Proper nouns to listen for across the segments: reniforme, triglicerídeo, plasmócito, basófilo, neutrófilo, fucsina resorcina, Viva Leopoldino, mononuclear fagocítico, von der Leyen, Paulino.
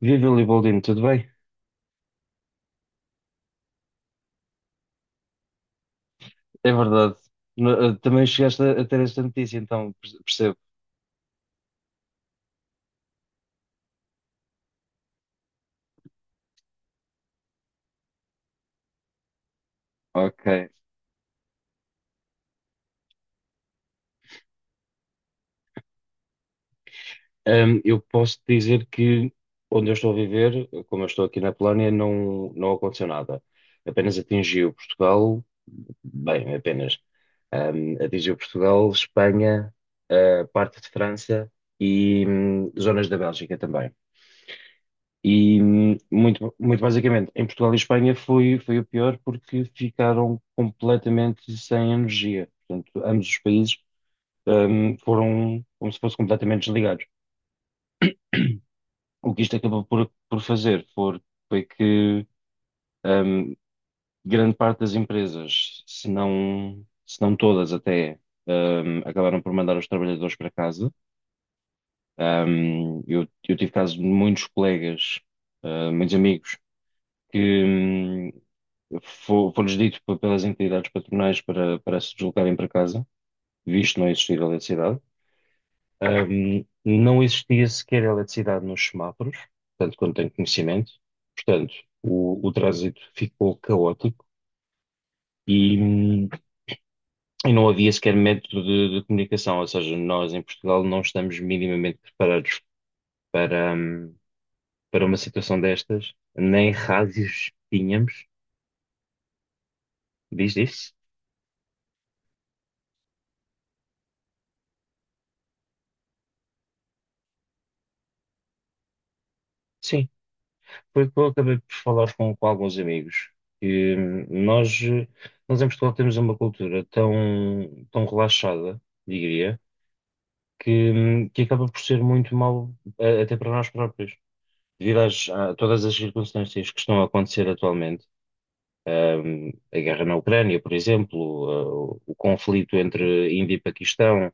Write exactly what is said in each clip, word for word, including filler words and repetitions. Viva, Leopoldino, tudo bem? É verdade. No- eh, Também chegaste a a ter esta notícia, então perce- percebo. Ok. Ahm, eu posso dizer que, onde eu estou a viver, como eu estou aqui na Polónia, não, não aconteceu nada. Apenas atingiu Portugal, bem, apenas. Ahm, atingiu Portugal, Espanha, ah, parte de França e hum, zonas da Bélgica também. E hum, muito, muito basicamente, em Portugal e Espanha foi, foi o pior porque ficaram completamente sem energia. Portanto, ambos os países hum, foram como se fossem completamente desligados. O que isto acabou por, por fazer for- foi que, hum, grande parte das empresas, se não, se não todas até, hum, acabaram por mandar os trabalhadores para casa. Hum, eu, eu tive casos de muitos colegas, ah, muitos amigos que, hum, Fo- foi-lhes dito pe- pelas entidades patronais para, para se deslocarem para casa, visto não existir eletricidade. Ahm, não existia sequer eletricidade nos semáforos, tanto quanto tenho conhecimento. Portanto, o, o trânsito ficou caótico e, hum, e não havia sequer método de, de comunicação. Ou seja, nós em Portugal não estamos minimamente preparados para, hum, para uma situação destas, nem rádios tínhamos. Diz isso? Sim, foi o que eu acabei por falar com, com alguns amigos. E hum, nós, eh, nós em Portugal temos uma cultura tão, tão relaxada, diria, que, hum, que acaba por ser muito mau, eh, até para nós próprios. Devido às, a todas as circunstâncias que estão a acontecer atualmente, hum, a guerra na Ucrânia, por exemplo, eh, o, o conflito entre Índia e Paquistão.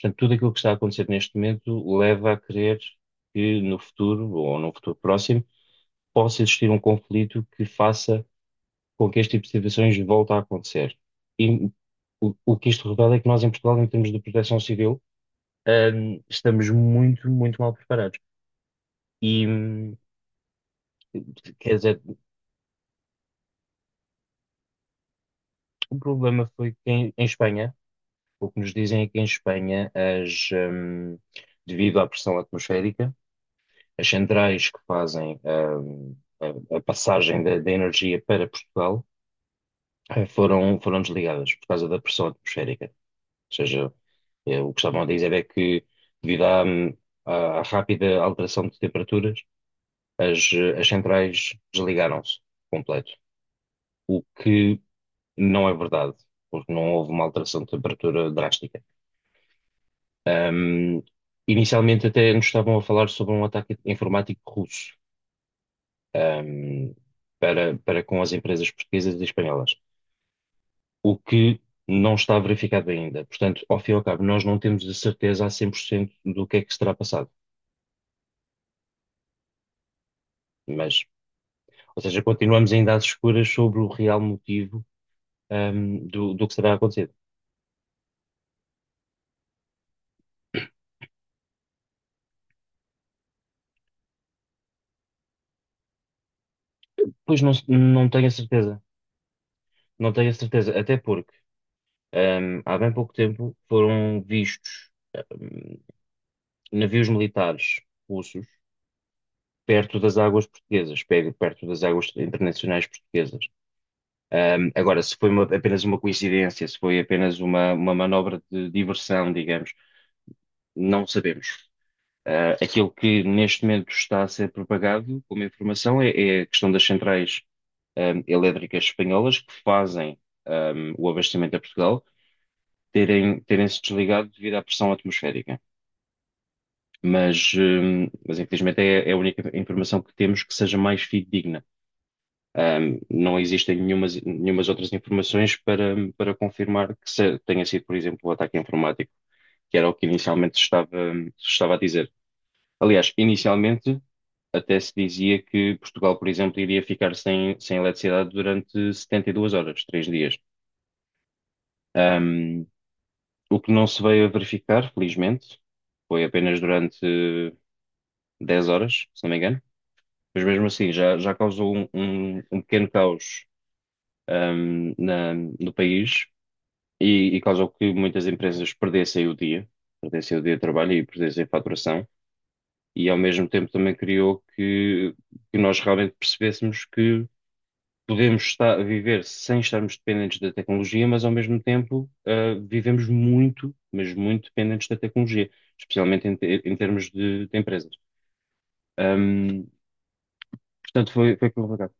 Portanto, tudo aquilo que está a acontecer neste momento leva a crer que no futuro, ou num futuro próximo, possa existir um conflito que faça com que este tipo de situações volta a acontecer. E o, o que isto revela é que nós em Portugal, em termos de proteção civil, hum, estamos muito, muito mal preparados. E, hum, quer dizer, o problema foi que em, em Espanha, o que nos dizem é que em Espanha, as, hum, devido à pressão atmosférica, as centrais que fazem, hum, a, a passagem da da energia para Portugal, eh, foram, foram desligadas por causa da pressão atmosférica. Seja, eh, o que estavam a dizer é que, devido à, hum, à rápida alteração de temperaturas, as, eh, as centrais desligaram-se completo. O que não é verdade, porque não houve uma alteração de temperatura drástica. Ahm, Inicialmente, até nos estavam a falar sobre um ataque informático russo, ahm, para, para com as empresas portuguesas e espanholas, o que não está verificado ainda. Portanto, ao fim e ao cabo, nós não temos a certeza a cem por cento do que é que se terá passado. Mas, ou seja, continuamos ainda às escuras sobre o real motivo, ahm, do, do que será acontecido. Pois não, não tenho a certeza. Não tenho a certeza. Até porque, ahm, há bem pouco tempo foram vistos, ahm, navios militares russos perto das águas portuguesas, pe- perto das águas internacionais portuguesas. Ahm, agora, se foi uma- apenas uma coincidência, se foi apenas uma, uma manobra de diversão, digamos, não sabemos. Ah, aquilo que neste momento está a ser propagado como informação é, é a questão das centrais, ahm, elétricas espanholas que fazem, ahm, o abastecimento a Portugal terem, terem se desligado devido à pressão atmosférica. Mas, ahm, mas infelizmente é, é a única informação que temos que seja mais fidedigna. Ahm, não existem nenhumas, nenhumas outras informações para, para confirmar que se- tenha sido, por exemplo, o ataque informático, que era o que inicialmente se estava, se estava a dizer. Aliás, inicialmente até se dizia que Portugal, por exemplo, iria ficar sem, sem eletricidade durante setenta e duas horas, três dias. Ahm, o que não se veio a verificar, felizmente, foi apenas durante eh, dez horas, se não me engano. Mas mesmo assim, já, já causou um, um- um pequeno caos, ahm, na- no país e, e causou que muitas empresas perdessem o dia, perdessem o dia de trabalho e perdessem faturação. E ao mesmo tempo também criou que, que nós realmente percebêssemos que podemos estar, viver sem estarmos dependentes da tecnologia, mas ao mesmo tempo, ah, vivemos muito, mas muito dependentes da tecnologia, especialmente em, te- em termos de, de empresas. Ahm, Portanto, foi, foi complicado.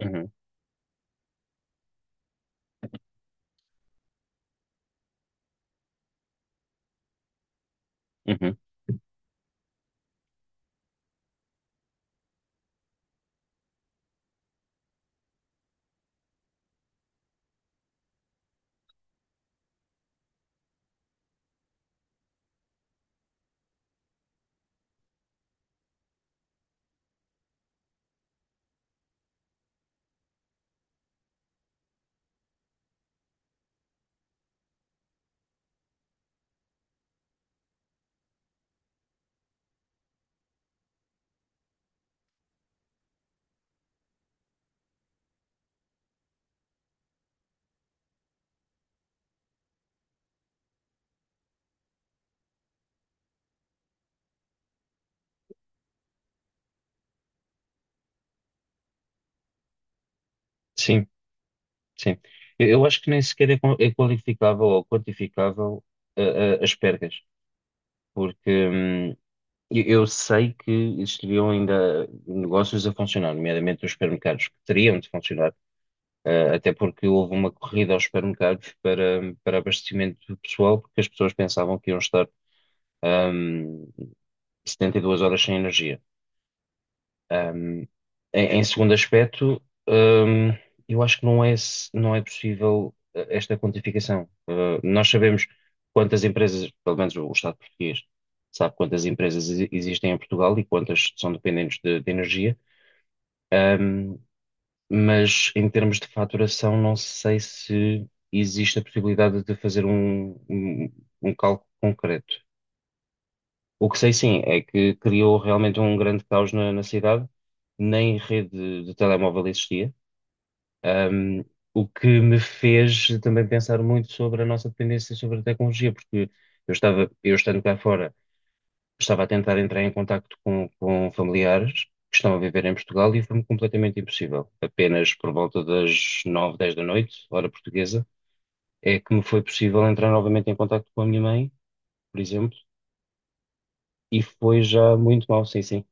Uhum, uhum. Sim, sim. Eu, eu acho que nem sequer é, qua- é qualificável ou quantificável, ah, ah, as perdas, porque hum, eu eu sei que existiriam ainda negócios a funcionar, nomeadamente os supermercados, que teriam de funcionar. Eh, até porque houve uma corrida aos supermercados para, para abastecimento pessoal, porque as pessoas pensavam que iam estar, ahm, setenta e duas horas sem energia. Ahm, em, em segundo aspecto, ahm, eu acho que não é, se- não é possível, eh, esta quantificação. Eh, nós sabemos quantas empresas, pelo menos o Estado português, sabe quantas empresas exi- existem em Portugal e quantas são dependentes de, de energia. Ehm, mas em termos de faturação, não sei se existe a possibilidade de fazer um, um, um cálculo concreto. O que sei sim é que criou realmente um grande caos na, na cidade. Nem rede de telemóvel existia. Ahm, o que me fez também pensar muito sobre a nossa dependência sobre a tecnologia, porque eu estava, eu estando cá fora. Estava a tentar entrar em contacto com, com familiares que estão a viver em Portugal e foi-me completamente impossível. Apenas por volta das nove, dez da noite, hora portuguesa, é que me foi possível entrar novamente em contacto com a minha mãe, por exemplo, e foi já muito mal, sim, sim.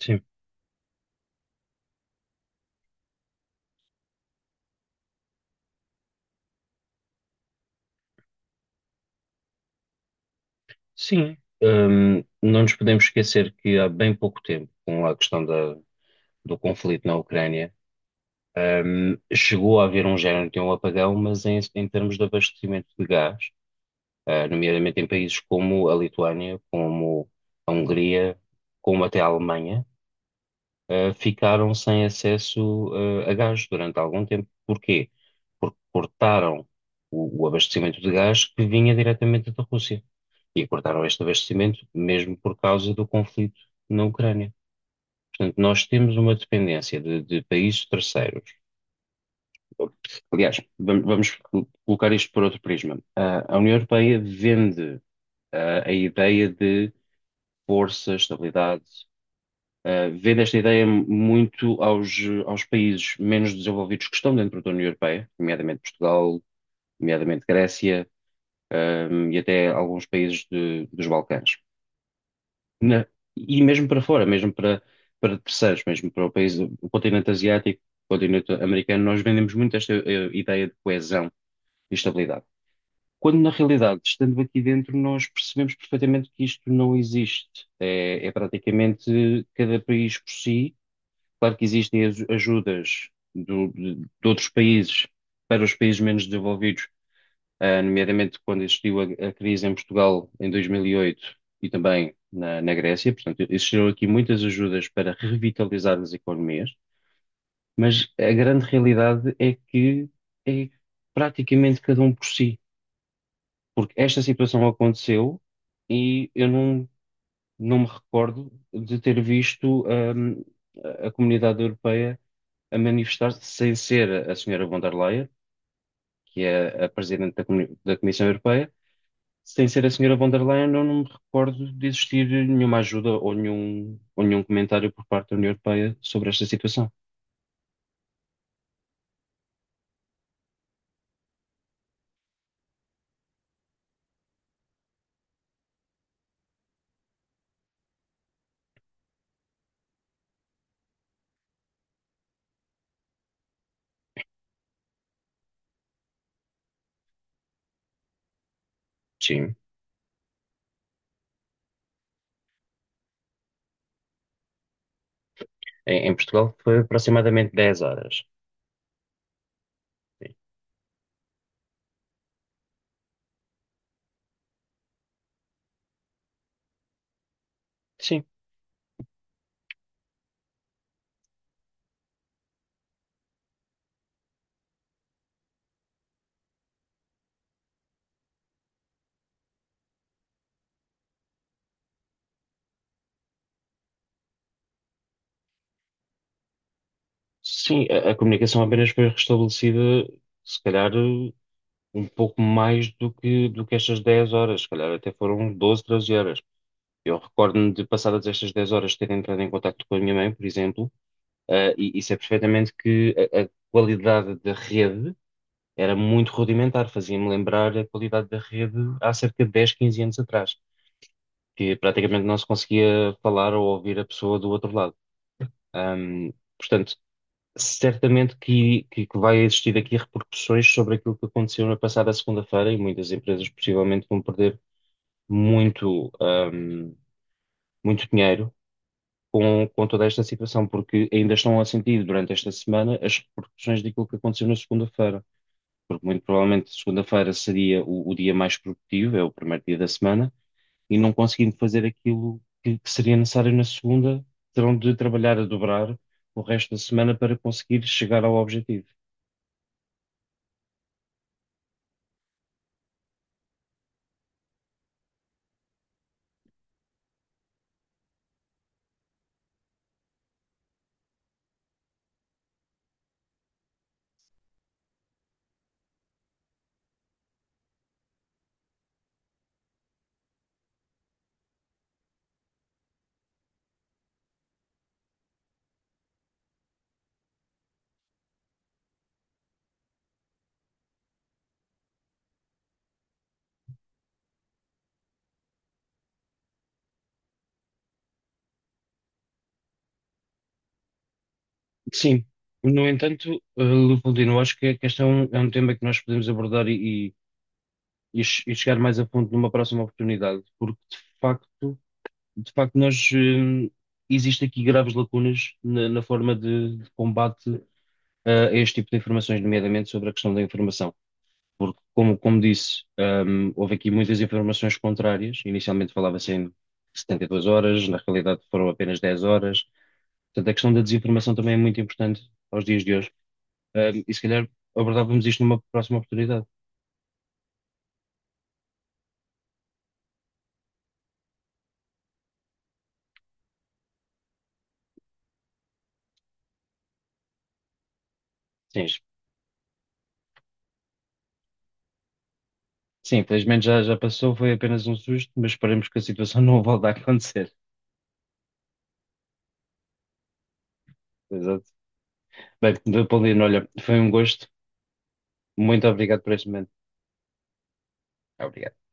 Sim. Sim. Hum, não nos podemos esquecer que há bem pouco tempo, com a questão da, do conflito na Ucrânia, hum, chegou a haver um género de um apagão, mas em, em termos de abastecimento de gás, eh, nomeadamente em países como a Lituânia, como a Hungria, como até a Alemanha, eh, ficaram sem acesso, eh, a gás durante algum tempo. Porquê? Porque cortaram o, o abastecimento de gás que vinha diretamente da Rússia. E cortaram este abastecimento mesmo por causa do conflito na Ucrânia. Portanto, nós temos uma dependência de, de países terceiros. Aliás, vam- vamos colocar isto por outro prisma. Ah, A União Europeia vende, ah, a ideia de força, estabilidade. Uh, vendo esta ideia muito aos, aos países menos desenvolvidos que estão dentro da União Europeia, nomeadamente Portugal, nomeadamente Grécia, um, e até alguns países de- dos Balcãs. Na- e mesmo para fora, mesmo para, para terceiros, mesmo para o país, o continente asiático, o continente americano, nós vendemos muito esta, eh, ideia de coesão e estabilidade. Quando na realidade, estando aqui dentro, nós percebemos perfeitamente que isto não existe. É, é praticamente cada país por si. Claro que existem as- ajudas do- de, de outros países para os países menos desenvolvidos, ah, nomeadamente quando existiu a, a crise em Portugal em dois mil e oito e oito e também na, na Grécia. Portanto, existiram aqui muitas ajudas para revitalizar as economias, mas a grande realidade é que é praticamente cada um por si. Porque esta situação aconteceu e eu não, não me recordo de ter visto, hum, a a comunidade europeia a manifestar-se sem ser a senhora von der Leyen, que é a presidente da, Comuni- da Comissão Europeia. Sem ser a senhora von der Leyen, eu não me recordo de existir nenhuma ajuda ou nenhum, ou nenhum comentário por parte da União Europeia sobre esta situação. Sim. Em, em Portugal foi aproximadamente dez horas. Sim, sim, a, a comunicação apenas foi restabelecida, se calhar, um pouco mais do que, do que estas dez horas, se calhar até foram doze, treze horas. Eu recordo-me de, passadas estas dez horas, ter entrado em contato com a minha mãe, por exemplo, ah, e, e sei perfeitamente que a, a qualidade da rede era muito rudimentar, fazia-me lembrar a qualidade da rede há cerca de dez, quinze anos atrás, que praticamente não se conseguia falar ou ouvir a pessoa do outro lado. Ahm, Portanto, certamente que, que, que vai existir aqui repercussões sobre aquilo que aconteceu na passada segunda-feira, e muitas empresas possivelmente vão perder muito, ahm, muito dinheiro com, com toda esta situação, porque ainda estão a sentir durante esta semana as repercussões daquilo que aconteceu na segunda-feira. Porque muito provavelmente segunda-feira seria o, o dia mais produtivo, é o primeiro dia da semana, e não conseguindo fazer aquilo que, que seria necessário na segunda, terão de trabalhar a dobrar o resto da semana para conseguir chegar ao objetivo. Sim, no entanto, eh, Leopoldino, acho que, é, que este é um, é um tema que nós podemos abordar e, e, e che- e chegar mais a fundo numa próxima oportunidade, porque de facto, de facto nós, eh, existe aqui graves lacunas na, na forma de, de combate, eh, a este tipo de informações, nomeadamente sobre a questão da informação. Porque, como, como disse, ehm, houve aqui muitas informações contrárias. Inicialmente, falava-se em setenta e duas horas, na realidade foram apenas dez horas. Portanto, a questão da desinformação também é muito importante aos dias de hoje, um, e se calhar abordávamos isto numa próxima oportunidade. Sim, es- sim, infelizmente já, já passou. Foi apenas um susto, mas esperemos que a situação não volte a acontecer. Exato. Bem, Paulino, olha, foi um gosto. Muito obrigado por este momento. Obrigado.